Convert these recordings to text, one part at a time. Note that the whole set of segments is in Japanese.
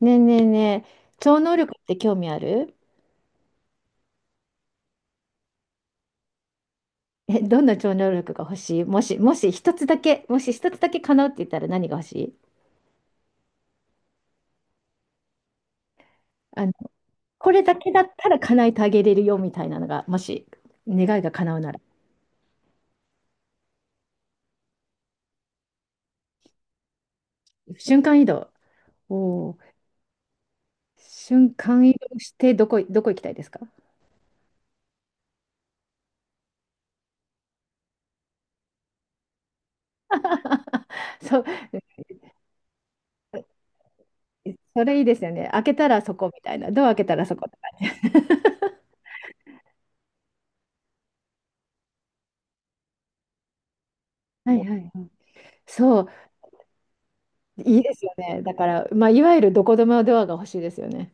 ねえねえねえ、超能力って興味ある？え、どんな超能力が欲しい？もし一つだけ叶うって言ったら何が欲しい？あの、これだけだったら叶えてあげれるよみたいなのが、もし願いが叶うなら。瞬間移動。おお、瞬間移動してどこ行きたいですか？そう、それいいですよね。開けたらそこみたいな。ドア開けたらそこ。はいはいはい。そう、いいですよね。だから、まあ、いわゆるどこでもドアが欲しいですよね。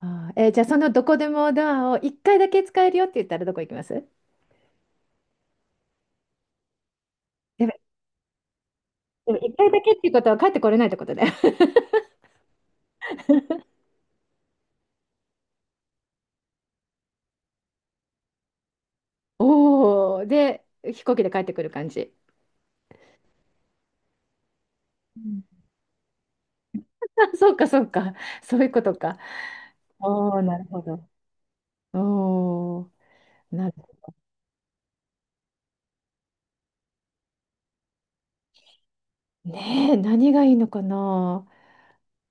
あー、じゃあそのどこでもドアを1回だけ使えるよって言ったらどこ行きます？でも、でも1回だけっていうことは帰ってこれないってことだよ。おお、で、飛行機で帰ってくる感じ。うん。 あ、そうか、そうか。そういうことか。おお、なるほど。おお、なるねえ、何がいいのかな。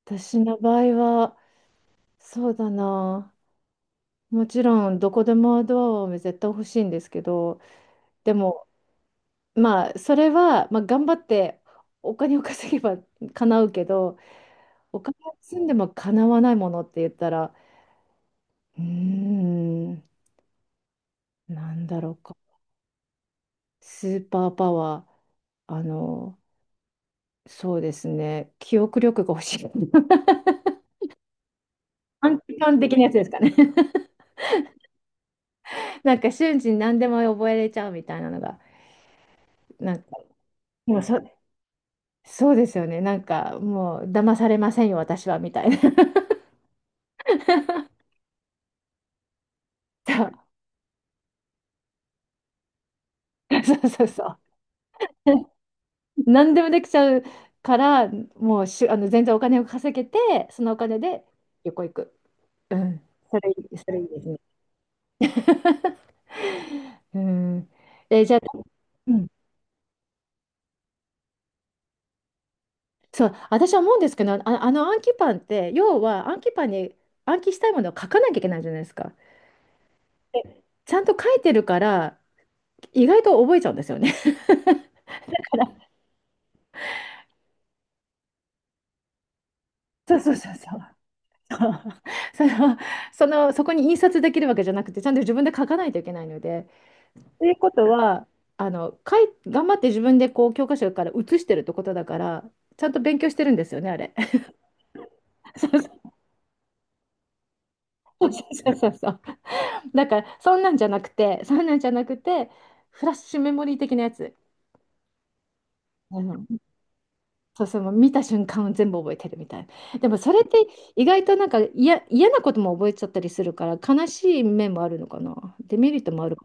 私の場合は、そうだな。もちろん、どこでもドアを絶対欲しいんですけど、でも、まあそれは、まあ、頑張ってお金を稼げば叶うけど、お金を積んでも叶わないものって言ったら、うーん、なんだろうか。スーパーパワー、そうですね、記憶力が欲しい。 短期間 的なやつですかね？ なんか瞬時に何でも覚えれちゃうみたいなのがなんか。でもそうですよね。なんかもう騙されませんよ、私はみたいな。 そうそうそうそう。何でもできちゃうから、もうしゅ、あの全然お金を稼げて、そのお金で旅行行く。うん、それいいですね。うん、じゃあ、うん、そう、私は思うんですけど、あ、あの暗記パンって、要は暗記パンに暗記したいものを書かなきゃいけないじゃないですか。でちゃんと書いてるから、意外と覚えちゃうんですよね。そうそうそうそう。そう、その、そこに印刷できるわけじゃなくて、ちゃんと自分で書かないといけないので、ということは、頑張って自分でこう教科書から写してるってことだから、ちゃんと勉強してるんですよね、あれ。そうそうそうそう。だから、そんなんじゃなくて、そんなんじゃなくて、フラッシュメモリー的なやつ。うん、そうそう、もう見た瞬間を全部覚えてるみたいな。でもそれって意外となんか嫌なことも覚えちゃったりするから、悲しい面もあるのかな。デメリットもある。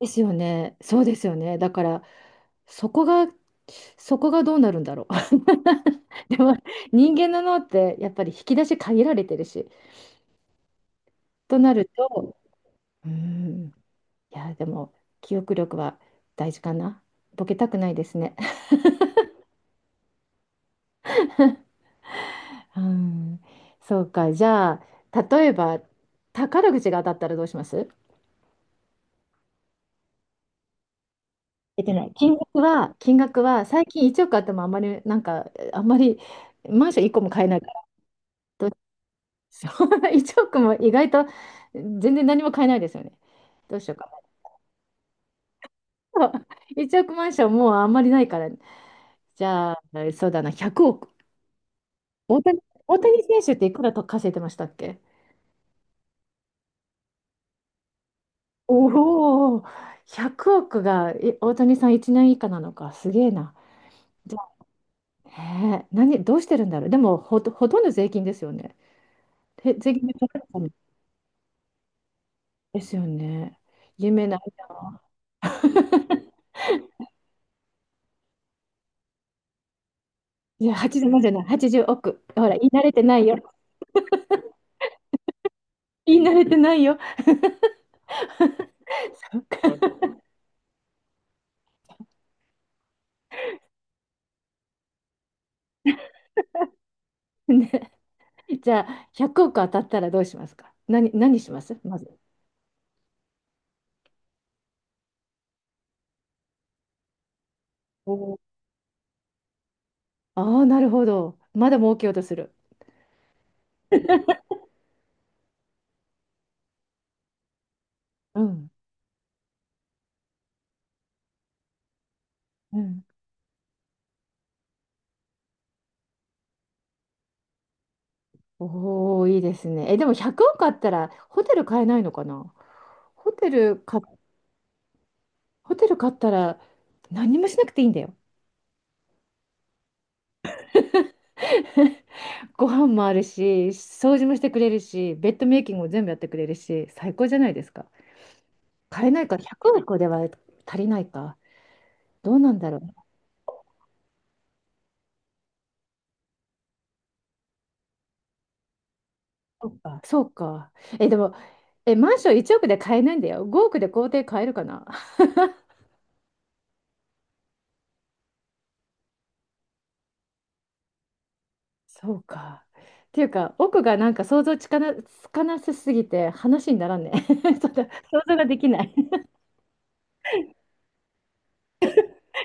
ですよね。そうですよね。だから、そこが、そこがどうなるんだろう。でも、人間の脳って、やっぱり引き出し限られてるし、となると、うん、いや、でも、記憶力は大事かな。ボケたくないですね。うん、そうか。じゃあ、例えば、宝くじが当たったらどうします？出てない。金額は、最近1億あってもあんまり、なんか、あんまり、マンション1個も買えないから。そう。1億も意外と全然何も買えないですよね。どうしようかな。1億マンションもうあんまりないから、じゃあ、そうだな、100億。大谷、大谷選手っていくらと稼いでましたっけ？おお、100億が大谷さん1年以下なのか、すげえな。じゃあ、ねえ、どうしてるんだろう。でもほとんど税金ですよね。え、税金で取られたの？ですよね。夢ないな。いや、80万じゅうまんじゃない、80億。ほら、言い慣れてないよ。言い慣れてないよ。そっか。ね、じゃあ、100億当たったらどうしますか？何しますまず。おー、ああ、なるほど。まだ儲けようとする。うん。うん。おお、いいですね。え、でも100億あったらホテル買えないのかな？ホテルか。ホテル買ったら何もしなくていいんだよ。ご飯もあるし、掃除もしてくれるし、ベッドメイキングも全部やってくれるし、最高じゃないですか。買えないか、100億では足りないか。どうなんだろう。そうか、そうか。え、でも、え、マンション1億で買えないんだよ。5億で豪邸買えるかな？そうか。っていうか、奥がなんか想像つかな、つかなさすぎて話にならんね。ちょっと想像ができない。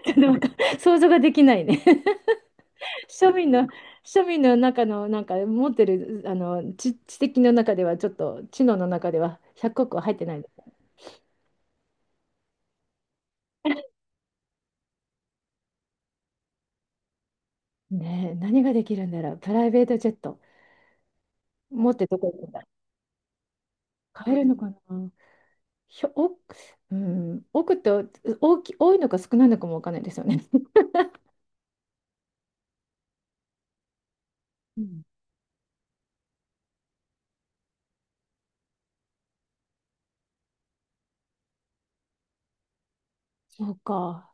ちょっとなんか想像ができないね。庶民の、庶民の中の、なんか持ってる、知的の中では、ちょっと知能の中では100億は入ってない。ねえ、何ができるんだろう。プライベートジェット。持ってどこ行くんだ。買えるのかな。ひょ、多く、うん、多くって大き、多いのか少ないのかもわかんないですよね。うん。そうか、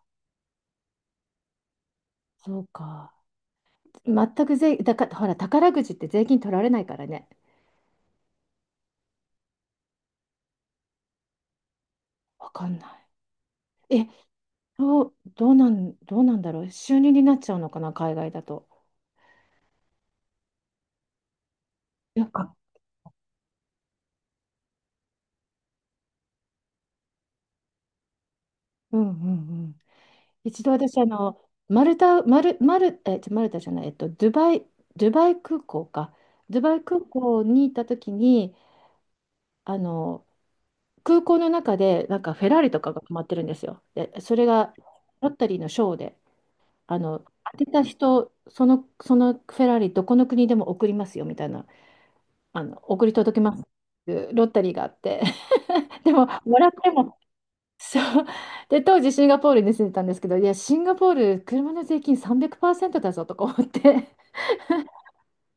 そうか。全く税、だから、ほら、宝くじって税金取られないからね。わかんない。え、どうなんだろう。収入になっちゃうのかな、海外だと。なんか、うんうんうん。一度私、マルタ、マル、マル、え、ちょマルタじゃない、ドゥバイ、ドゥバイ空港か。ドゥバイ空港にいた時に、あの、空港の中で、なんかフェラーリとかが止まってるんですよ。で、それがロッタリーのショーで、あの、当てた人、そのフェラーリ、どこの国でも送りますよみたいな、送り届けますっていうロッタリーがあって、でも、もらっても、そう。で、当時シンガポールに住んでたんですけど、いや、シンガポール、車の税金300%だぞとか思って、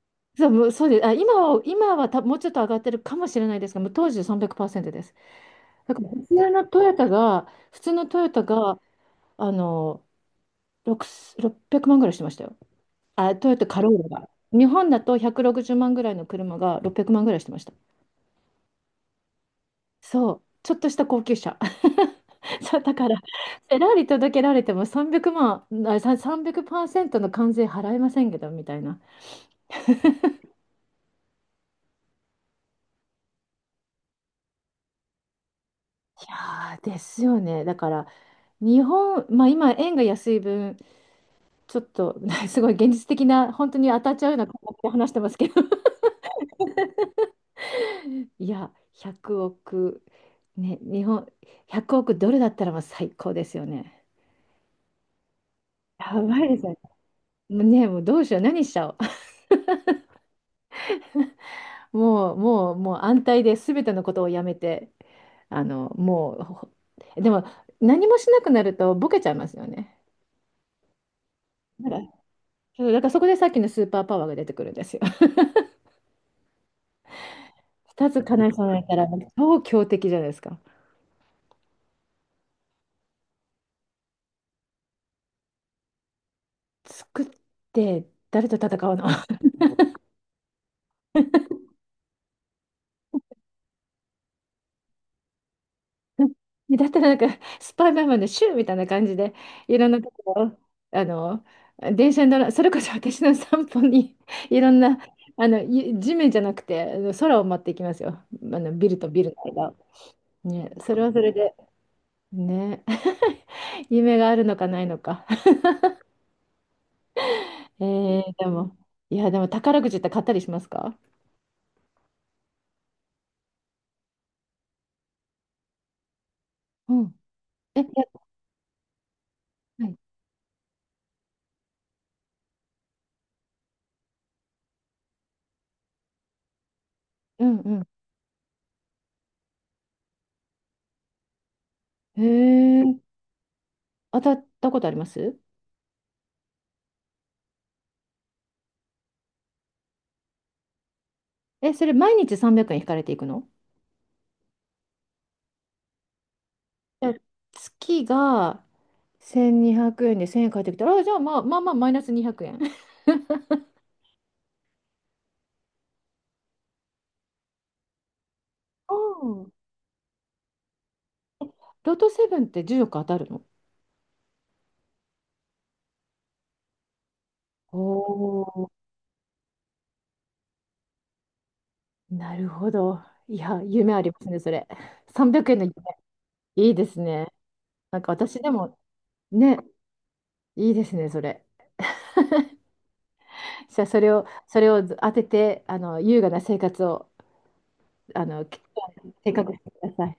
そう、もうそうです。あ、今は、今はたもうちょっと上がってるかもしれないですが、もう当時300%です。だから普通のトヨタが、あの、6、600万ぐらいしてましたよ。あ、トヨタカローラが。日本だと160万ぐらいの車が600万ぐらいしてました。そう、ちょっとした高級車。そう、だから、フェラーリ届けられても300万、あ、300%の関税払えませんけど、みたいな。いやー、ですよね。だから、日本、まあ今、円が安い分、ちょっと、すごい現実的な、本当に当たっちゃうような感覚で話してますけど、いや、100億、ね、日本、100億ドルだったらもう最高ですよね。やばいですよね。もうね、もうどうしよう、何しちゃおう。もう安泰で全てのことをやめて、あの、もう、ほでも何もしなくなるとボケちゃいますよね。だから、そうだからそこでさっきのスーパーパワーが出てくるんですよ。2つ叶えそうになったら、超強敵じゃないですか。作って、誰と戦うの？だったらなんか、スパイダーマンのシューみたいな感じで、いろんなところ、あの、電車に乗ら、それこそ私の散歩に、いろんな、地面じゃなくて、空を待っていきますよ。ビルとビルの間を。ね、それはそれで、ね、夢があるのかないのか。えでも、いや、でも宝くじって買ったりしますか？うん。え、いや、はい。うんうん。へえ、当たったことあります？え、それ毎日300円引かれていくの？え、月が、1200円で1000円返ってきたら、あ、じゃあまあまあまあマイナス200円。うん。ロトセブンって10億当たるの？おお、なるほど。いや、夢ありますね、それ。300円の夢。いいですね。なんか私でも、ね、いいですね、それ。じゃあそれを、当てて、優雅な生活を、計画してください。